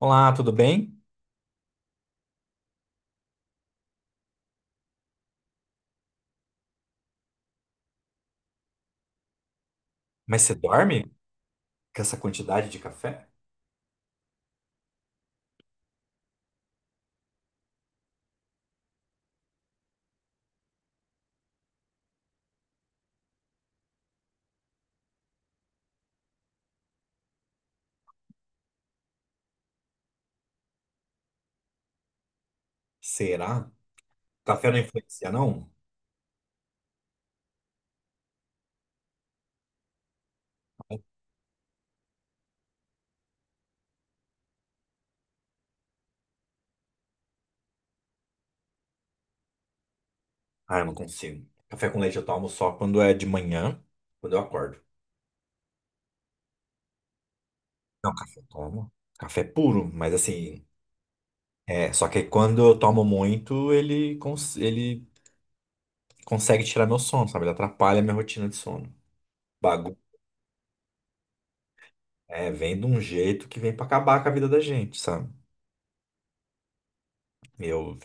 Olá, tudo bem? Mas você dorme com essa quantidade de café? Será? Café não influencia, não? Ah, eu não consigo. Café com leite eu tomo só quando é de manhã, quando eu acordo. Não, café eu tomo. Café é puro, mas assim, é, só que quando eu tomo muito, ele, ele consegue tirar meu sono, sabe? Ele atrapalha a minha rotina de sono. Bagulho. É, vem de um jeito que vem pra acabar com a vida da gente, sabe? Eu,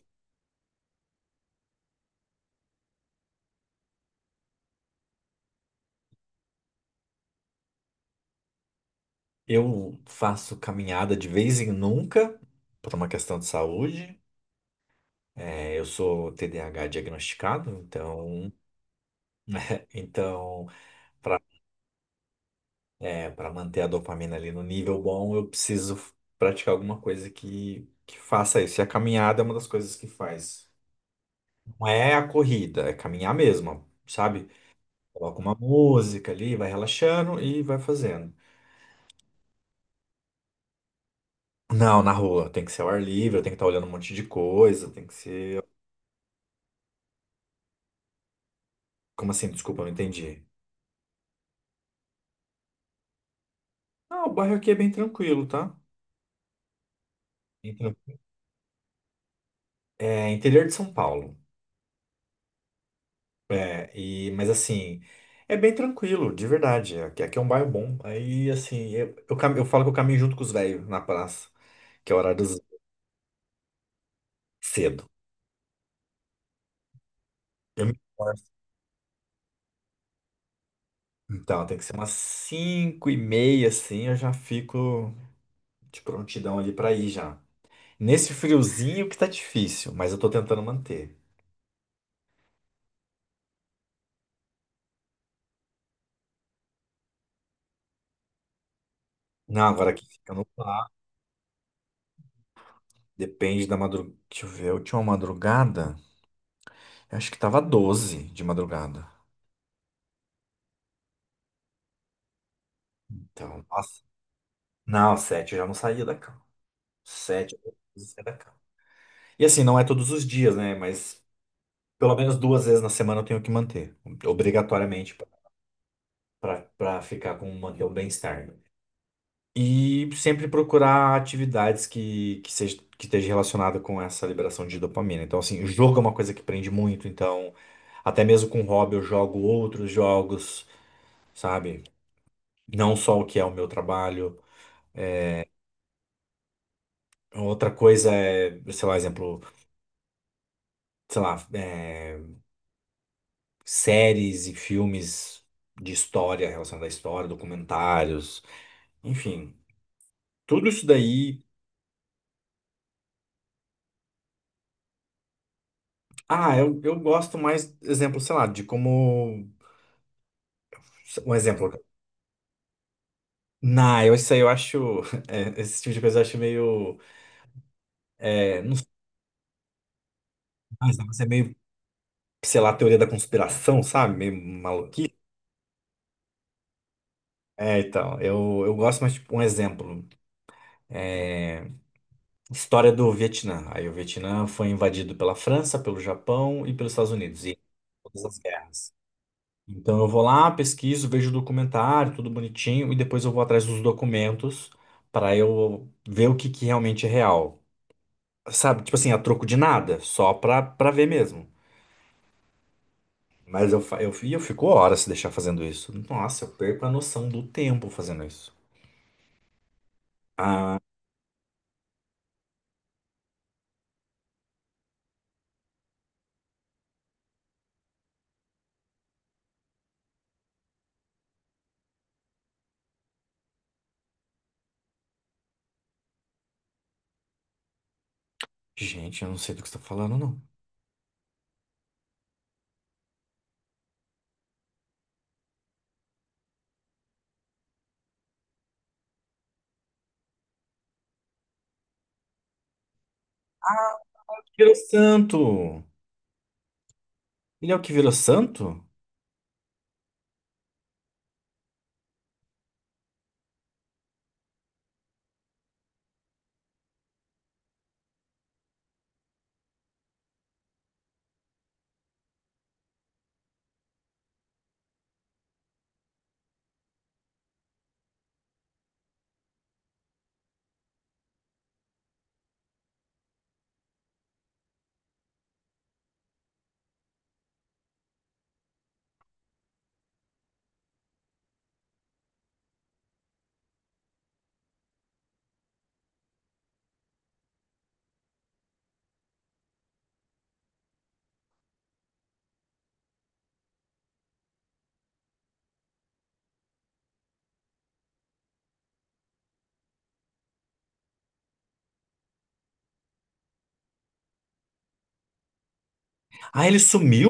eu faço caminhada de vez em nunca, por uma questão de saúde. É, eu sou TDAH diagnosticado, então, então para para manter a dopamina ali no nível bom, eu preciso praticar alguma coisa que faça isso. E a caminhada é uma das coisas que faz. Não é a corrida, é caminhar mesmo, sabe? Coloca uma música ali, vai relaxando e vai fazendo. Não, na rua, tem que ser ao ar livre, tem que estar olhando um monte de coisa, tem que ser. Como assim? Desculpa, não entendi. Ah, o bairro aqui é bem tranquilo, tá? Bem tran- É interior de São Paulo. É, e, mas assim, é bem tranquilo, de verdade. Aqui, aqui é um bairro bom. Aí, assim, eu falo que eu caminho junto com os velhos na praça, que é o horário dos cedo. Eu me esforço. Então, tem que ser umas 5:30, assim, eu já fico de prontidão ali pra ir já. Nesse friozinho que tá difícil, mas eu tô tentando manter. Não, agora aqui fica no lá. Depende da madrugada. Deixa eu ver, eu tinha uma madrugada, eu acho que tava 12 de madrugada. Então, nossa. Não, sete eu já não saía da cama. Sete vezes é da cama. E assim, não é todos os dias, né? Mas pelo menos duas vezes na semana eu tenho que manter, obrigatoriamente, para ficar com manter o bem-estar, né. E sempre procurar atividades que, seja, que esteja relacionada com essa liberação de dopamina. Então, assim, o jogo é uma coisa que prende muito. Então, até mesmo com hobby, eu jogo outros jogos, sabe? Não só o que é o meu trabalho. Outra coisa é, sei lá, exemplo, sei lá, é, séries e filmes de história, relacionada à história, documentários, enfim, tudo isso daí. Ah, eu gosto mais, exemplo, sei lá, de como. Um exemplo. Não, eu, isso aí eu acho. É, esse tipo de coisa eu acho meio. É, não sei, mas é meio, sei lá, teoria da conspiração, sabe? Meio maluquice. É, então, eu gosto mais, tipo, um exemplo. História do Vietnã. Aí o Vietnã foi invadido pela França, pelo Japão e pelos Estados Unidos. E todas as guerras. Então eu vou lá, pesquiso, vejo o documentário, tudo bonitinho, e depois eu vou atrás dos documentos para eu ver o que que realmente é real. Sabe, tipo assim, a troco de nada, só pra, pra ver mesmo. Mas eu, fa- eu, e eu fico horas se deixar fazendo isso. Nossa, eu perco a noção do tempo fazendo isso. Gente, eu não sei do que você tá falando, não. Virou santo! Ele é o que virou santo? Ah, ele sumiu?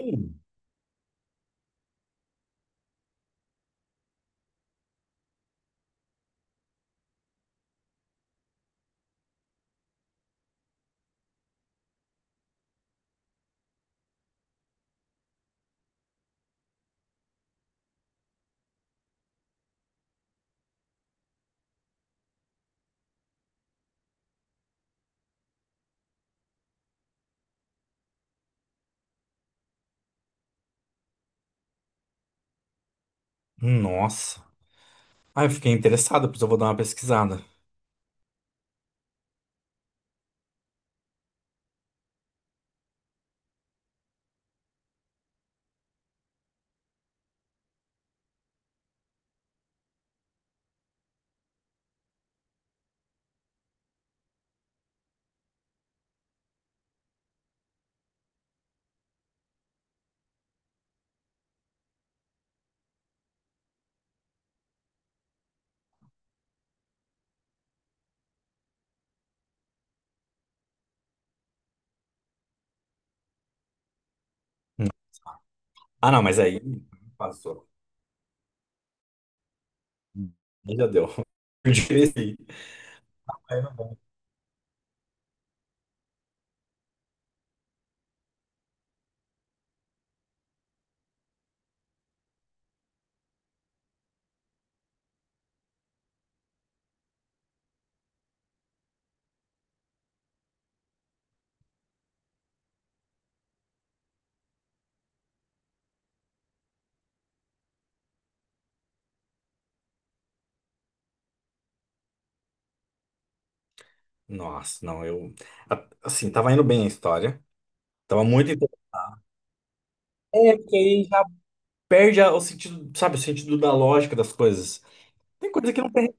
Nossa. Ah, eu fiquei interessado, pois eu vou dar uma pesquisada. Ah, não, mas aí passou. Aí já deu. Eu cresci. Aí não dá. Nossa, não, eu. Assim, tava indo bem a história. Tava muito. É, porque aí já perde o sentido, sabe, o sentido da lógica das coisas. Tem coisa que não tem.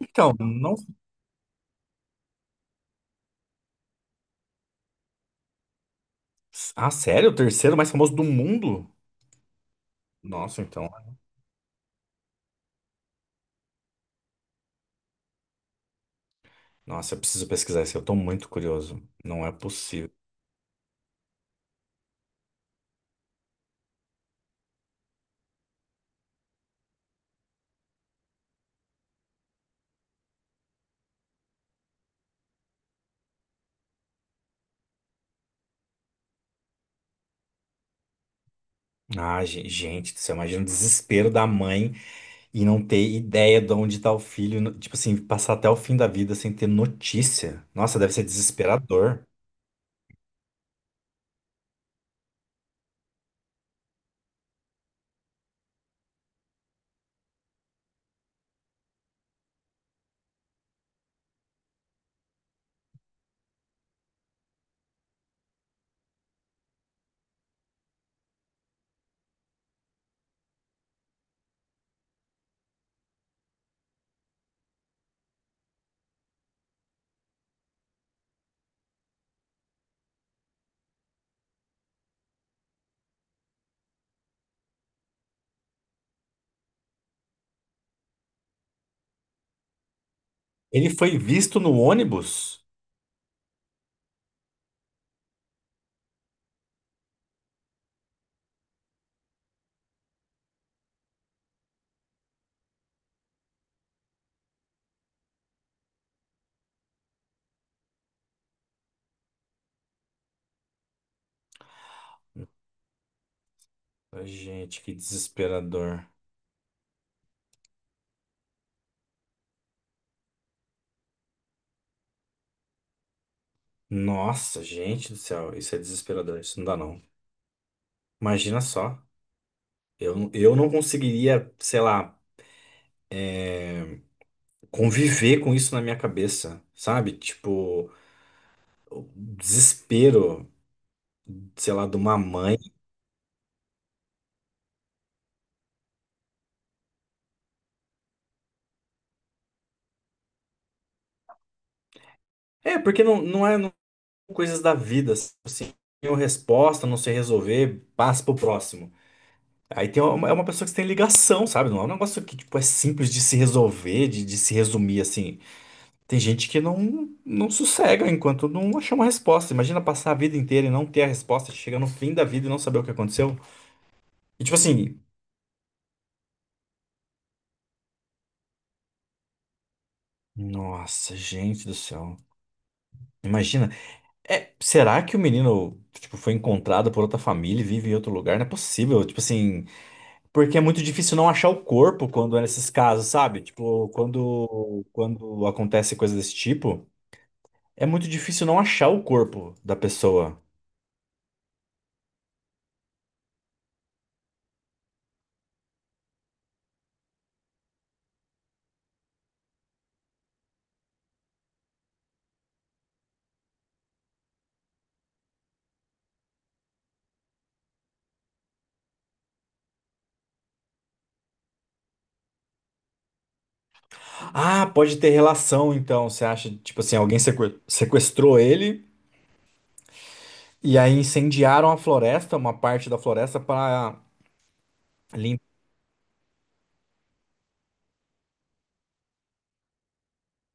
Então, não. Ah, sério? O terceiro mais famoso do mundo? Nossa, então. Nossa, eu preciso pesquisar isso. Eu tô muito curioso. Não é possível. Ah, gente, você imagina o desespero da mãe. E não ter ideia de onde tá o filho. Tipo assim, passar até o fim da vida sem ter notícia. Nossa, deve ser desesperador. Ele foi visto no ônibus? Ai, gente, que desesperador. Nossa, gente do céu, isso é desesperador, isso não dá não. Imagina só, eu não conseguiria, sei lá, conviver com isso na minha cabeça, sabe? Tipo, o desespero, sei lá, de uma mãe. É, porque não, não é. Coisas da vida, assim, não tem uma resposta, não sei resolver, passa pro próximo. Aí tem uma, é uma pessoa que você tem ligação, sabe? Não é um negócio que, tipo, é simples de se resolver, de se resumir, assim. Tem gente que não sossega enquanto não achar uma resposta. Imagina passar a vida inteira e não ter a resposta, chegar no fim da vida e não saber o que aconteceu. E, tipo assim, nossa, gente do céu. Imagina, é, será que o menino, tipo, foi encontrado por outra família e vive em outro lugar? Não é possível, tipo assim. Porque é muito difícil não achar o corpo quando é nesses casos, sabe? Tipo, quando acontece coisa desse tipo, é muito difícil não achar o corpo da pessoa. Ah, pode ter relação, então. Você acha, tipo assim, alguém sequestrou ele e aí incendiaram a floresta, uma parte da floresta, para limpar.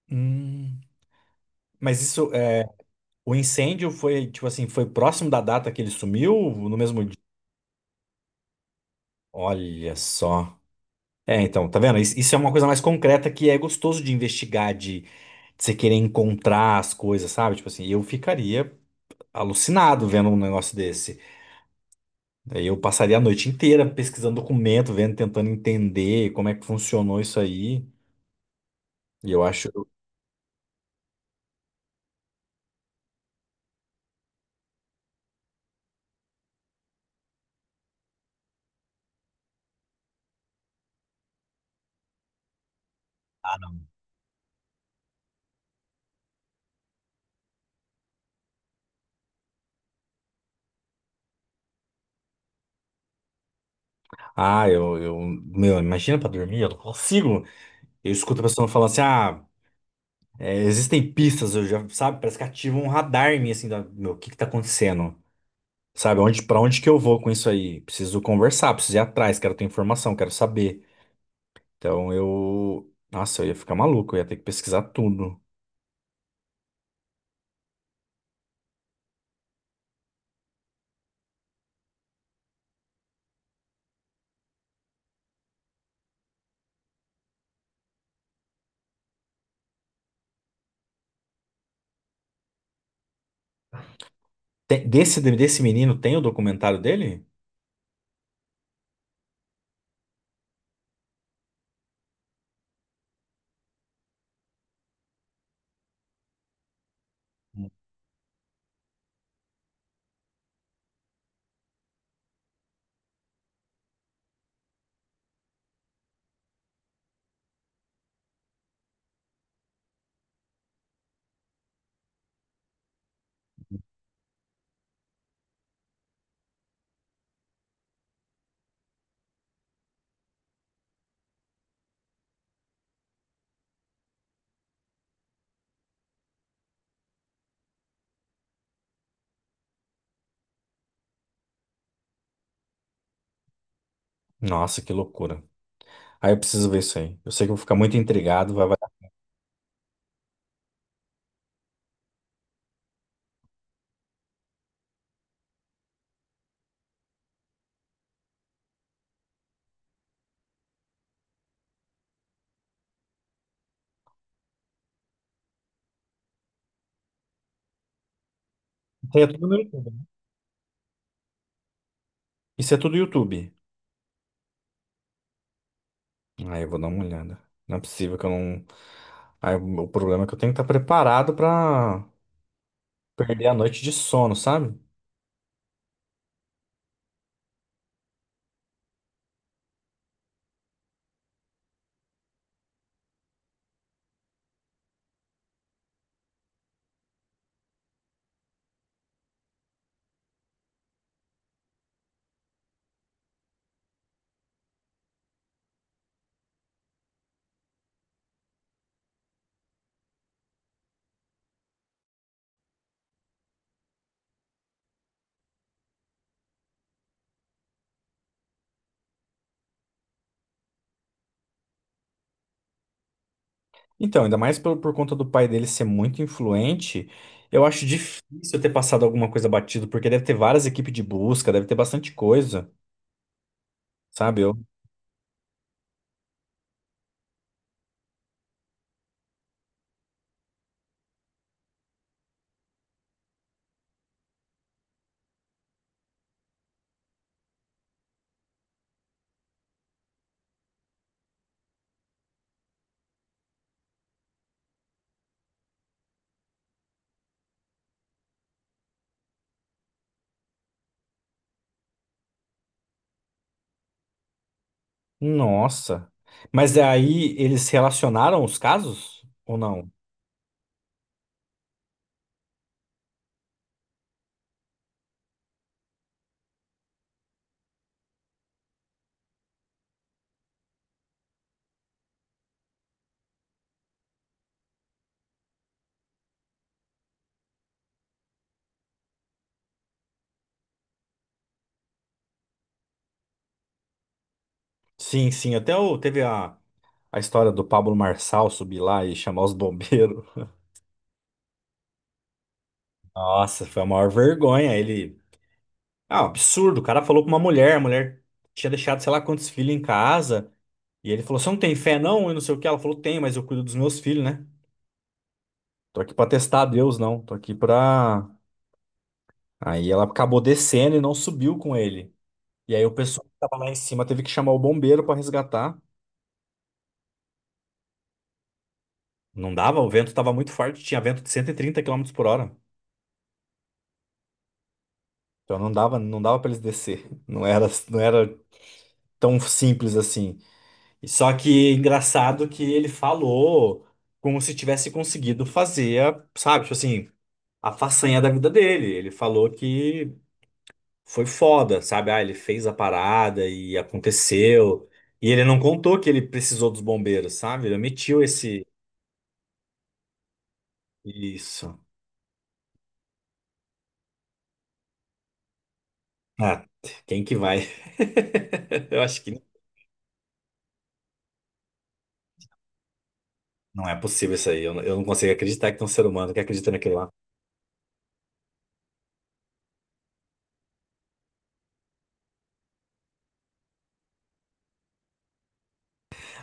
Hum. Mas isso, é, o incêndio foi, tipo assim, foi próximo da data que ele sumiu, no mesmo dia? Olha só. É, então, tá vendo? Isso é uma coisa mais concreta que é gostoso de investigar, de você querer encontrar as coisas, sabe? Tipo assim, eu ficaria alucinado vendo um negócio desse. Daí eu passaria a noite inteira pesquisando documento, vendo, tentando entender como é que funcionou isso aí. E eu acho, ah, meu, imagina pra dormir, eu não consigo. Eu escuto a pessoa falando assim, ah, é, existem pistas, eu já, sabe, parece que ativa um radar em mim, assim, meu, o que que tá acontecendo? Sabe, onde, pra onde que eu vou com isso aí? Preciso conversar, preciso ir atrás, quero ter informação, quero saber. Então eu. Nossa, eu ia ficar maluco, eu ia ter que pesquisar tudo. Desse menino tem o documentário dele? Nossa, que loucura. Aí eu preciso ver isso aí. Eu sei que eu vou ficar muito intrigado. Vai, vai. Isso aí é tudo no YouTube. Isso é tudo YouTube. Aí eu vou dar uma olhada. Não é possível que eu não. Aí o problema é que eu tenho que estar preparado pra perder a noite de sono, sabe? Então, ainda mais por conta do pai dele ser muito influente, eu acho difícil ter passado alguma coisa batido, porque deve ter várias equipes de busca, deve ter bastante coisa. Sabe? Eu. Nossa. Mas aí eles relacionaram os casos ou não? Sim, sim. Até o, teve a história do Pablo Marçal subir lá e chamar os bombeiros. Nossa, foi a maior vergonha. Ele. Ah, um absurdo. O cara falou com uma mulher, a mulher tinha deixado sei lá quantos filhos em casa. E ele falou: "Você não tem fé, não?" E não sei o que. Ela falou: "Tem, mas eu cuido dos meus filhos, né? Tô aqui pra testar a Deus, não. Tô aqui pra." Aí ela acabou descendo e não subiu com ele. E aí o pessoal que estava lá em cima teve que chamar o bombeiro para resgatar. Não dava, o vento estava muito forte, tinha vento de 130 quilômetros por hora. Então não dava, não dava para eles descer. Não era, não era tão simples assim. E só que engraçado que ele falou como se tivesse conseguido fazer, sabe, tipo assim, a façanha da vida dele. Ele falou que foi foda, sabe? Ah, ele fez a parada e aconteceu. E ele não contou que ele precisou dos bombeiros, sabe? Ele omitiu esse isso. Ah, quem que vai? Eu acho que não é possível isso aí. Eu não consigo acreditar que tem um ser humano que acredita naquilo lá.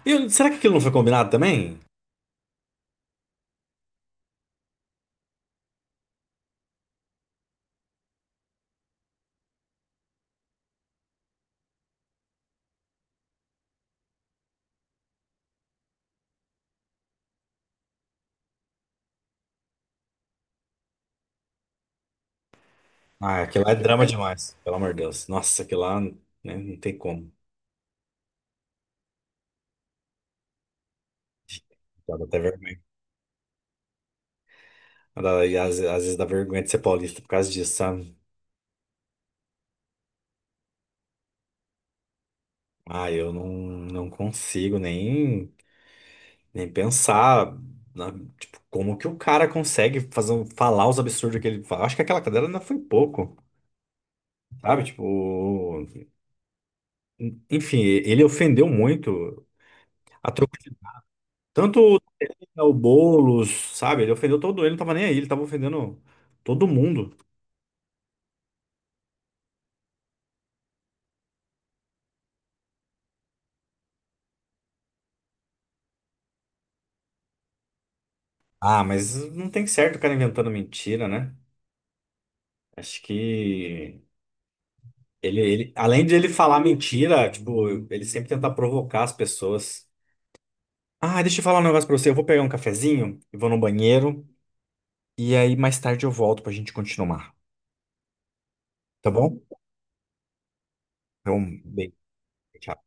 E será que aquilo não foi combinado também? Ah, aquilo lá é drama demais, pelo amor de Deus. Nossa, aquilo lá, né, não tem como. Dá até vergonha. E às vezes dá vergonha de ser paulista por causa disso, sabe? Ah, eu não consigo nem, pensar na- tipo, como que o cara consegue fazer, falar os absurdos que ele fala. Acho que aquela cadeira ainda foi pouco, sabe? Tipo. Enfim, ele ofendeu muito a troco de. Tanto o Boulos, sabe? Ele ofendeu todo ele, não tava nem aí, ele tava ofendendo todo mundo. Ah, mas não tem certo o cara inventando mentira, né? Acho que além de ele falar mentira, tipo, ele sempre tenta provocar as pessoas. Ah, deixa eu falar um negócio pra você. Eu vou pegar um cafezinho e vou no banheiro. E aí mais tarde eu volto pra gente continuar. Tá bom? Então, bem, tchau.